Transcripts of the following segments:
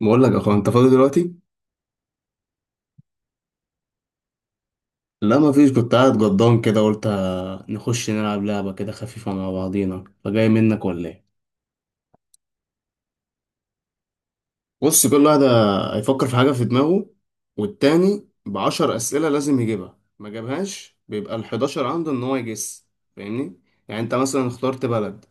بقول لك يا اخويا، انت فاضي دلوقتي؟ لا مفيش، كنت قاعد جضان كده قلت نخش نلعب لعبة كده خفيفة مع بعضينا، فجاي منك ولا ايه؟ بص، كل واحد هيفكر في حاجة في دماغه، والتاني ب10 أسئلة لازم يجيبها، ما جابهاش بيبقى الحداشر عنده ان هو يجس. فاهمني؟ يعني انت مثلا اخترت بلد،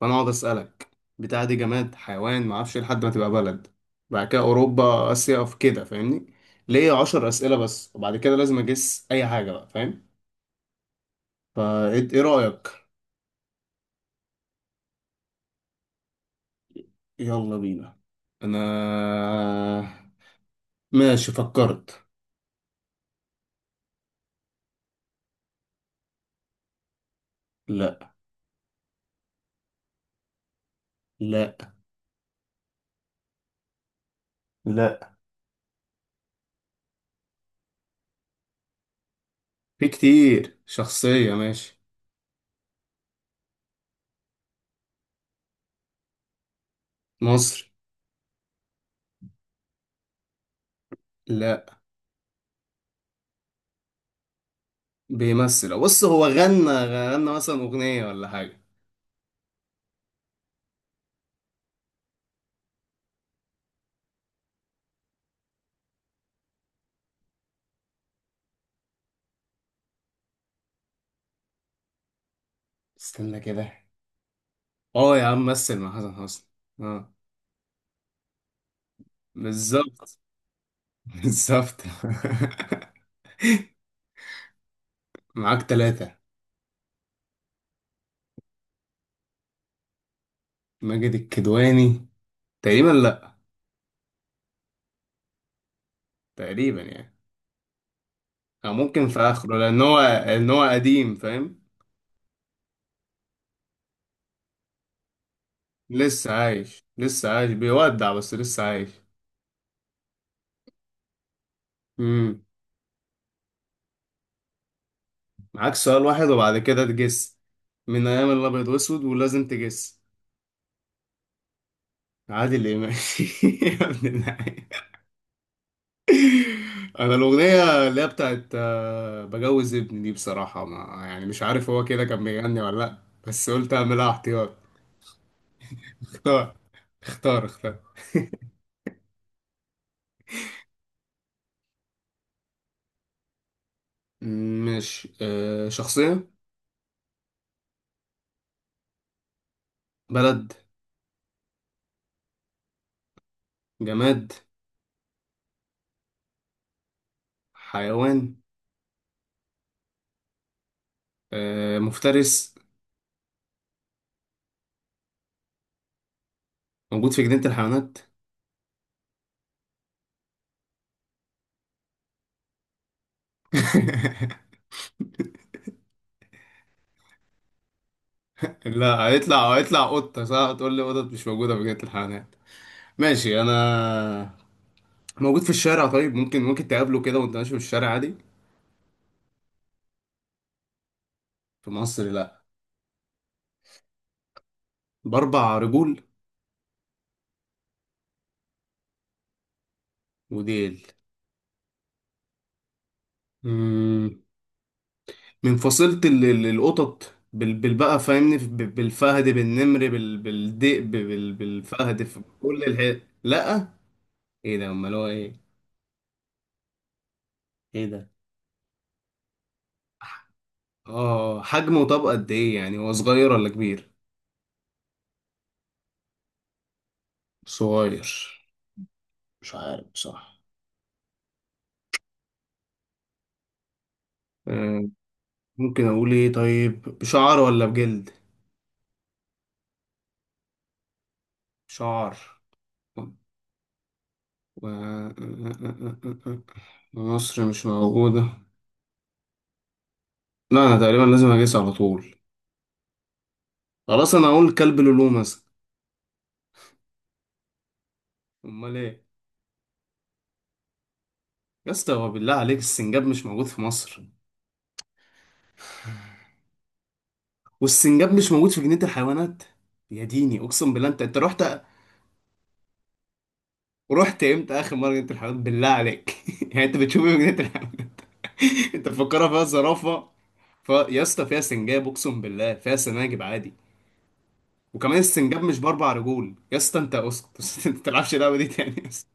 فانا اقعد أسألك بتاع دي جماد، حيوان، معرفش إيه، لحد ما تبقى بلد. بعد كده أوروبا، آسيا، في كده فاهمني؟ ليه 10 أسئلة بس، وبعد كده لازم أجس أي حاجة بقى، فاهم؟ فايه إيه رأيك؟ يلا بينا. انا ماشي، فكرت. لا. لا. لا. في كتير، شخصية. ماشي. مصري. لا. بيمثل. بص هو غنى مثلا أغنية ولا حاجة. استنى كده. اه يا عم، مثل مع حسن حسني. اه. بالظبط. بالظبط. معاك ثلاثة. ماجد الكدواني، تقريبا لا، تقريبا يعني. أو ممكن في آخره، لأن هو قديم فاهم. لسه عايش، لسه عايش، بيودع بس لسه عايش. امم معاك سؤال واحد وبعد كده تجس. من ايام الابيض واسود ولازم تجس. عادل امام. يا ابن اللعيبه. انا الاغنيه اللي هي بتاعت بجوز ابني دي بصراحه، ما يعني مش عارف هو كده كان بيغني ولا لا، بس قلت اعملها احتياط. اختار. اختار اختار. مش شخصيه. بلد. جماد. حيوان. مفترس؟ موجود في جنينه الحيوانات؟ لا، هيطلع قطة صح، تقول لي قطط مش موجودة في جنينة الحيوانات؟ ماشي أنا. موجود في الشارع؟ طيب ممكن تقابله كده وأنت ماشي في الشارع عادي. في مصر لا. بأربع رجول. وديل. مم. من فصيلة القطط، بالبقى فاهمني، بالفهد، بالنمر، بالذئب، بالفهد، في كل الحي لا. ايه ده، امال هو ايه؟ ايه ده؟ اه حجمه، طب قد ايه يعني، هو صغير ولا كبير؟ صغير؟ مش عارف صح. آه، ممكن اقول ايه طيب، بشعر ولا بجلد؟ شعر. و... مصر مش موجودة. لا انا تقريبا لازم اجيس على طول. خلاص انا اقول كلب لولو مثلا. امال ايه؟ يا اسطى هو بالله عليك السنجاب مش موجود في مصر؟ والسنجاب مش موجود في جنينة الحيوانات؟ يا ديني اقسم بالله، انت رحت، امتى اخر مرة جنينة الحيوانات بالله عليك؟ يعني انت بتشوف ايه في جنينة الحيوانات؟ انت مفكرها فيها زرافة. يا اسطى فيها سنجاب، اقسم بالله فيها سناجب عادي. وكمان السنجاب مش باربع رجول يا اسطى، انت اسكت. ما تلعبش اللعبه دي تاني يا اسطى.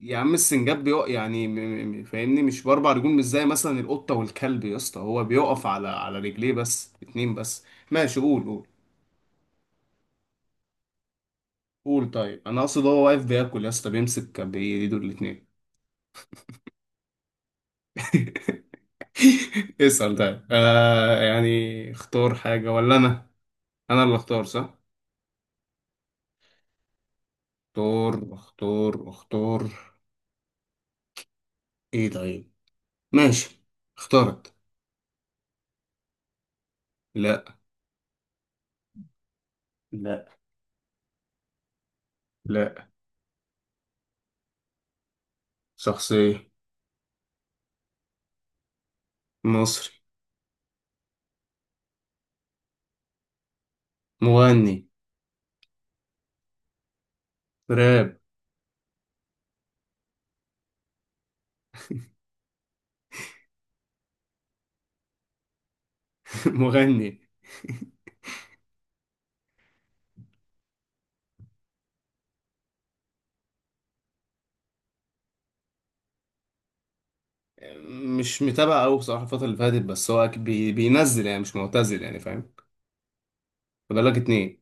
يا عم السنجاب بيقف يعني فاهمني، مش باربع رجول، مش زي مثلا القطه والكلب يا اسطى، هو بيقف على رجليه بس اتنين بس. ماشي. قول قول. قول طيب انا اقصد هو واقف بياكل يا اسطى، بيمسك بايده الاتنين. اسال طيب، يعني اختار حاجه ولا انا؟ انا اللي اختار صح؟ اختار اختار اختار. ايه طيب. ماشي. اخترت. لا. لا. لا. شخصية. مصري. مغني. راب. مغني. مش متابع أوي بصراحة الفترة اللي فاتت، بس هو أكيد بينزل يعني، مش معتزل يعني فاهم. فاضل لك اتنين.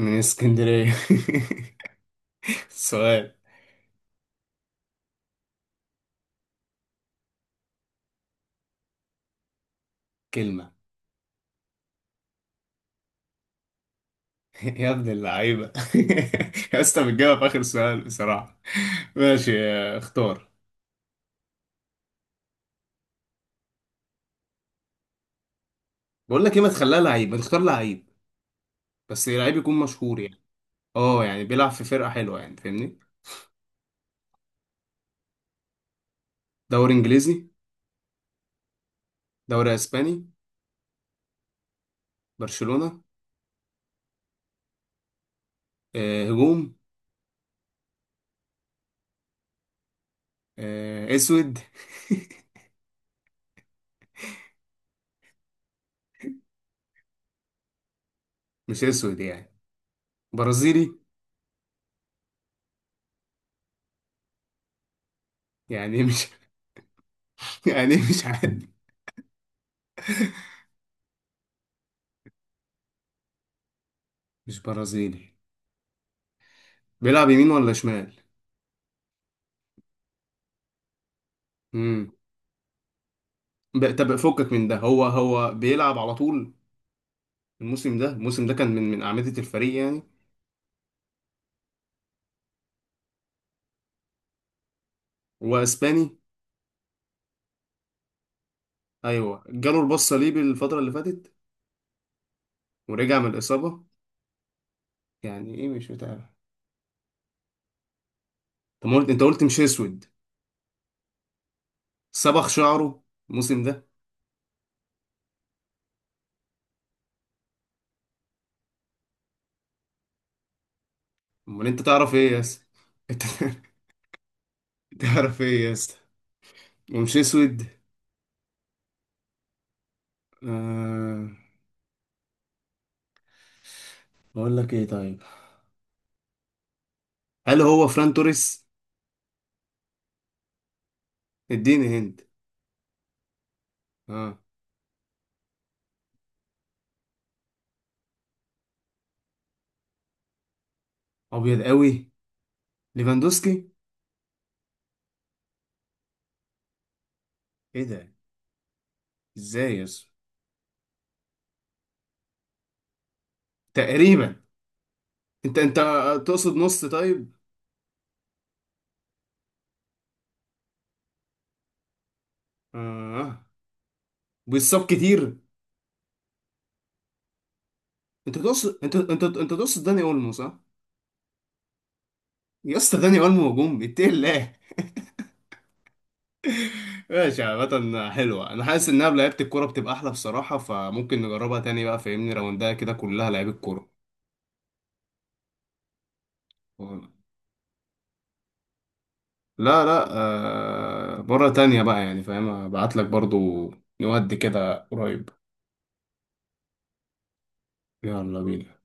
من اسكندرية. سؤال. كلمة. يا ابن اللعيبة. يا اسطى بتجاوب في آخر سؤال بصراحة. ماشي، اختار. بقول لك ايه، ما تخليها لعيب، ما تختار لعيب، بس لعيب يكون مشهور يعني. اه يعني بيلعب في فرقة حلوة يعني فاهمني. دوري انجليزي. دوري اسباني. برشلونة. هجوم. اسود. مش اسود يعني. برازيلي. يعني إيه مش؟ يعني إيه مش عارف؟ مش برازيلي. بيلعب يمين ولا شمال؟ امم طب فكك من ده، هو بيلعب على طول. الموسم ده كان من أعمدة الفريق يعني. واسباني. ايوه جاله البص صليبي الفترة اللي فاتت ورجع من الإصابة. يعني ايه مش متابع؟ طب ما قلت انت قلت مش اسود. صبغ شعره الموسم ده. امال انت تعرف ايه يا اسطى. انت تعرف ايه يا اسطى. ومش اسود. آه. بقول لك ايه طيب، هل هو فران توريس؟ اديني هند. اه. ابيض قوي. ليفاندوسكي. ايه ده، ازاي يا اسطى؟ تقريبا. انت تقصد نص طيب. اه. بيصاب كتير. انت تقصد انت تقصد داني اولمو صح. يا اسطى داني اولمو هجوم، اتقي الله. ماشي، عامة حلوة، انا حاسس انها بلعيبة الكورة بتبقى احلى بصراحة، فممكن نجربها تاني بقى فاهمني، راوندها كده كلها لعيبة كورة. لا لا، مرة تانية بقى يعني فاهم، ابعت لك برضو نودي كده قريب. يلا بينا.